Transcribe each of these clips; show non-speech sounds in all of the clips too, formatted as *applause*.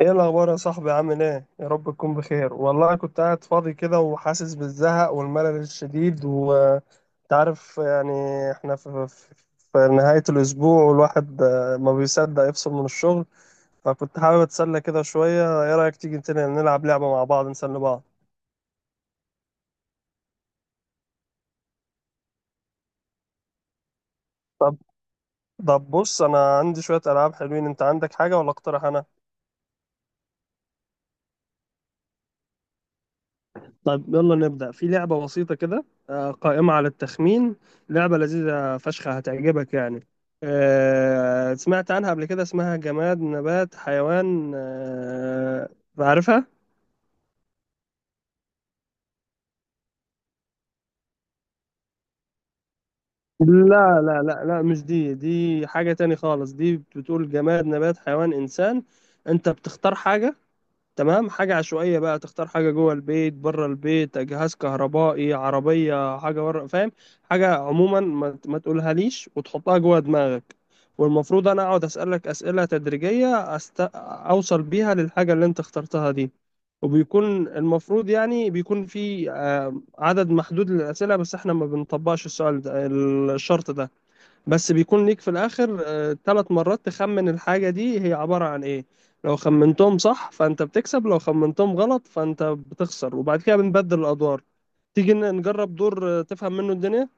ايه الاخبار يا صاحبي، عامل ايه؟ يا رب تكون بخير. والله كنت قاعد فاضي كده، وحاسس بالزهق والملل الشديد، وتعرف يعني احنا في نهاية الاسبوع، والواحد ما بيصدق يفصل من الشغل. فكنت حابب اتسلى كده شوية. ايه رأيك تيجي تاني نلعب لعبة مع بعض، نسلي بعض؟ طب طب بص، انا عندي شوية العاب حلوين. انت عندك حاجة ولا اقترح انا؟ طيب يلا نبدأ في لعبة بسيطة كده، قائمة على التخمين. لعبة لذيذة فشخة هتعجبك يعني. سمعت عنها قبل كده، اسمها جماد نبات حيوان. عارفها؟ لا لا لا لا، مش دي. دي حاجة تاني خالص. دي بتقول جماد نبات حيوان إنسان. أنت بتختار حاجة. تمام، حاجة عشوائية بقى. تختار حاجة جوه البيت، بره البيت، جهاز كهربائي، عربية، حاجة بره، فاهم؟ حاجة عموما، ما تقولها ليش، وتحطها جوه دماغك. والمفروض أنا أقعد أسألك أسئلة تدريجية، أوصل بيها للحاجة اللي أنت اخترتها دي. وبيكون المفروض يعني بيكون في عدد محدود للأسئلة، بس احنا ما بنطبقش السؤال ده، الشرط ده. بس بيكون ليك في الآخر ثلاث مرات تخمن الحاجة دي هي عبارة عن إيه. لو خمنتهم صح فأنت بتكسب، لو خمنتهم غلط فأنت بتخسر. وبعد كده بنبدل الأدوار. تيجي نجرب دور تفهم منه الدنيا.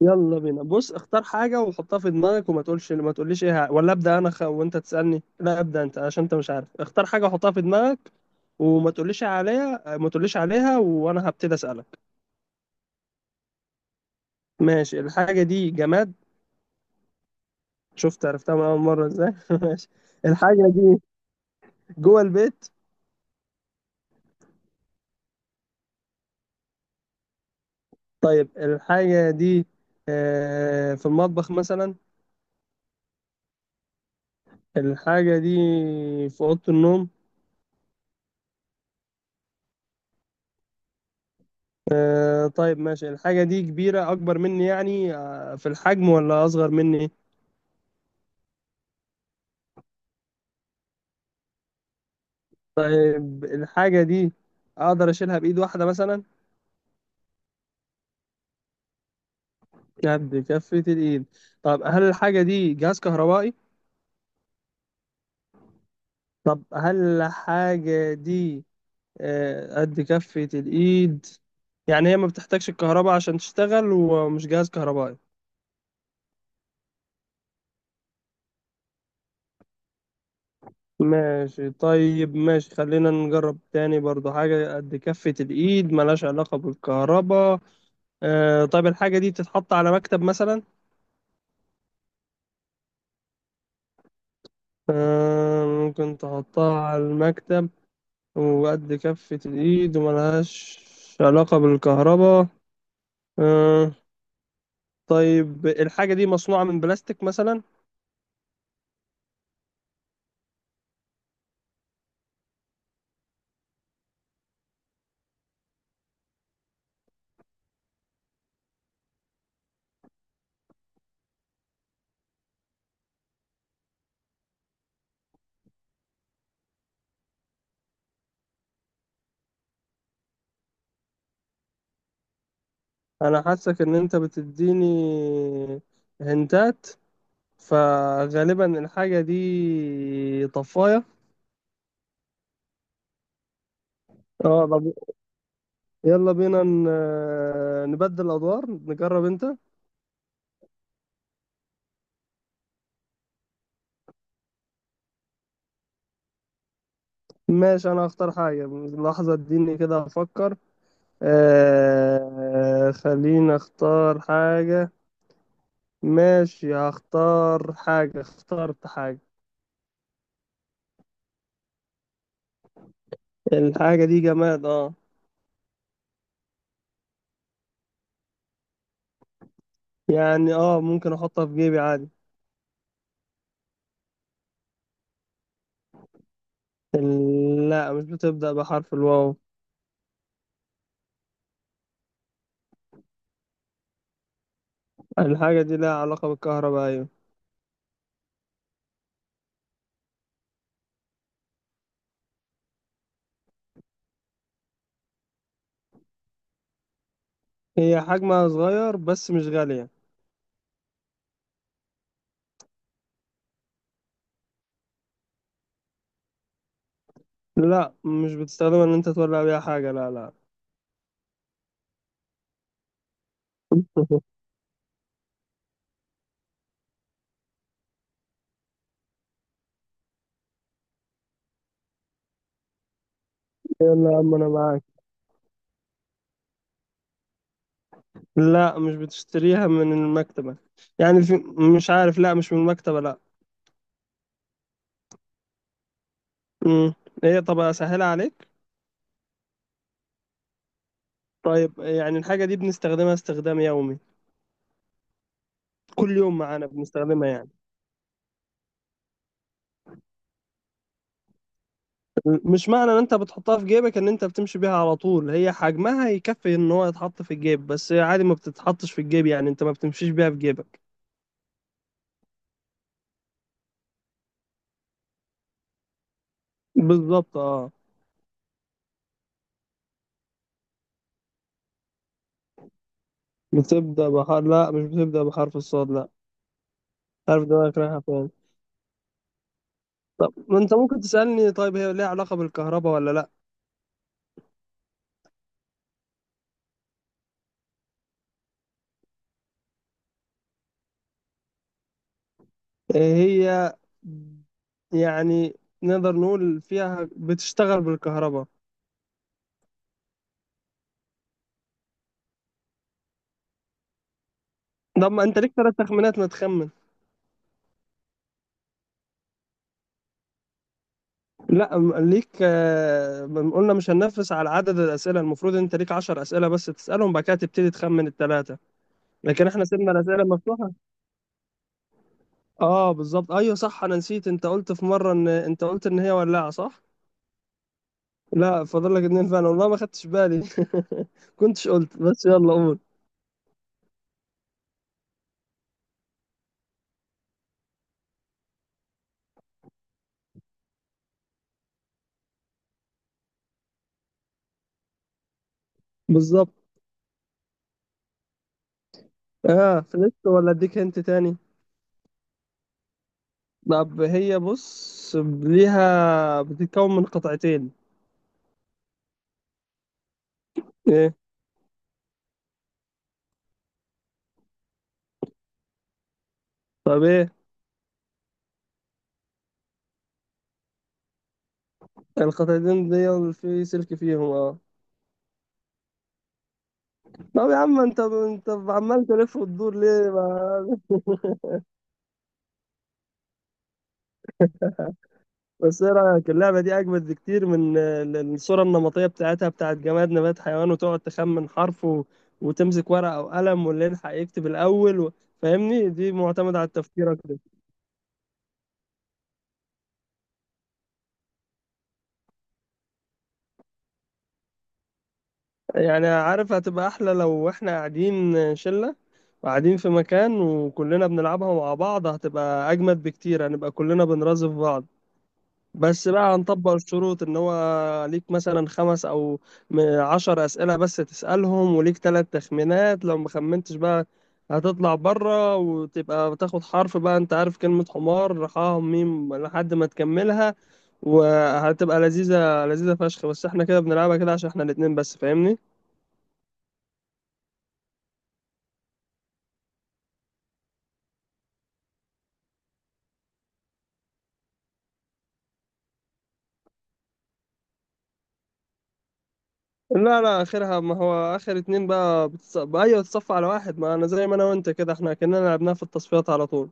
يلا بينا، بص اختار حاجة وحطها في دماغك، وما تقولش، ما تقوليش إيه، ولا أبدأ أنا، وأنت تسألني؟ لا، أبدأ أنت، عشان أنت مش عارف. اختار حاجة وحطها في دماغك، وما تقوليش عليها، ما تقوليش عليها، وأنا هبتدي أسألك. ماشي. الحاجة دي جماد؟ شفت، عرفتها من أول مرة إزاي. *laughs* ماشي. الحاجة دي جوه البيت؟ طيب الحاجة دي في المطبخ مثلا؟ الحاجة دي في أوضة النوم؟ طيب ماشي. الحاجة دي كبيرة أكبر مني يعني، في الحجم، ولا أصغر مني؟ طيب الحاجة دي أقدر أشيلها بإيد واحدة مثلا؟ قد كفة الإيد. طب هل الحاجة دي جهاز كهربائي؟ طب هل الحاجة دي قد كفة الإيد، يعني هي ما بتحتاجش الكهرباء عشان تشتغل، ومش جهاز كهربائي؟ ماشي طيب. ماشي، خلينا نجرب تاني برضو. حاجة قد كفة الإيد، ملهاش علاقة بالكهرباء. آه طيب، الحاجة دي بتتحط على مكتب مثلا؟ آه، ممكن تحطها على المكتب، وقد كفة الإيد، وملهاش علاقة بالكهرباء. آه. طيب الحاجة دي مصنوعة من بلاستيك مثلا؟ أنا حاسك إن أنت بتديني هنتات، فغالبا الحاجة دي طفاية. اه. يلا بينا نبدل أدوار، نجرب أنت. ماشي، أنا هختار حاجة. لحظة اديني كده أفكر. آه، خليني أختار حاجة. ماشي، هختار حاجة. اخترت حاجة. الحاجة دي جماد، اه. يعني اه، ممكن أحطها في جيبي عادي. لا، مش بتبدأ بحرف الواو. الحاجة دي لها علاقة بالكهرباء، أيوة. هي حجمها صغير بس مش غالية. لا، مش بتستخدمها إن أنت تولع بيها حاجة، لا لا. *laughs* يلا يا عم، أنا معاك. لا، مش بتشتريها من المكتبة. يعني في، مش عارف، لا مش من المكتبة، لا. امم ايه، طب اسهلها عليك. طيب يعني الحاجة دي بنستخدمها استخدام يومي؟ كل يوم معانا بنستخدمها يعني. مش معنى ان انت بتحطها في جيبك ان انت بتمشي بيها على طول. هي حجمها يكفي ان هو يتحط في الجيب، بس هي عادي ما بتتحطش في الجيب، يعني انت ما بتمشيش بيها في جيبك. بالظبط، اه. بتبدأ بحرف، لا، مش بتبدأ بحرف الصاد، لا. عارف دماغك رايحة فين. طب ما انت ممكن تسألني، طيب هي ليها علاقة بالكهرباء ولا لا. هي، يعني، نقدر نقول فيها بتشتغل بالكهرباء. طب ما انت ليك ثلاث تخمينات، ما تخمن. لا، ليك قلنا مش هننفذ على عدد الاسئله. المفروض انت ليك 10 اسئله بس تسالهم، بعد كده تبتدي تخمن الثلاثه. لكن احنا سيبنا الاسئله مفتوحه. اه بالظبط، ايوه صح، انا نسيت. انت قلت في مره، ان انت قلت ان هي ولاعه، صح؟ لا، فاضل لك اتنين فعلا، والله ما خدتش بالي. *laughs* كنتش قلت، بس يلا قول. بالظبط. اه، فلست، ولا اديك انت تاني؟ طب هي بص، ليها، بتتكون من قطعتين. ايه؟ طب ايه؟ القطعتين دي في سلك فيهم، اه. طب يا عم انت عمال تلف وتدور ليه بس ايه رايك، اللعبه دي اجمد بكتير من الصوره النمطيه بتاعتها، بتاعت جماد نبات حيوان، وتقعد تخمن حرف، وتمسك ورقه او قلم، واللي يلحق يكتب الاول، فاهمني؟ دي معتمده على التفكير. يعني عارف، هتبقى احلى لو احنا قاعدين شلة وقاعدين في مكان وكلنا بنلعبها مع بعض، هتبقى اجمد بكتير، هنبقى كلنا بنرازف بعض. بس بقى هنطبق الشروط، ان هو ليك مثلا خمس او عشر اسئلة بس تسألهم، وليك ثلاث تخمينات. لو ما خمنتش بقى هتطلع بره، وتبقى بتاخد حرف بقى. انت عارف كلمة حمار، حا ميم لحد ما تكملها. وهتبقى لذيذة لذيذة فشخ. بس احنا كده بنلعبها كده عشان احنا الاتنين بس، فاهمني. لا لا، اخرها، ما هو اخر اتنين بقى بقى، ايوه، تصفى على واحد. ما انا زي ما انا وانت كده، احنا كنا لعبناها في التصفيات على طول.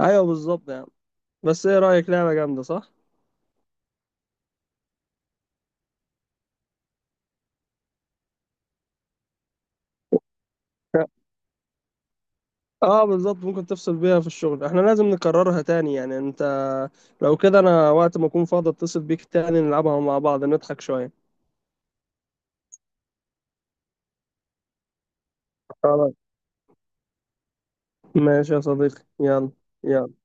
ايوه بالظبط يعني. بس ايه رايك، لعبه جامده، صح؟ *laughs* اه بالظبط، ممكن تفصل بيها في الشغل. احنا لازم نكررها تاني يعني انت. لو كده انا وقت ما اكون فاضي اتصل بيك تاني نلعبها مع بعض، نضحك شويه. خلاص، ماشي يا صديقي، يلا. يلا.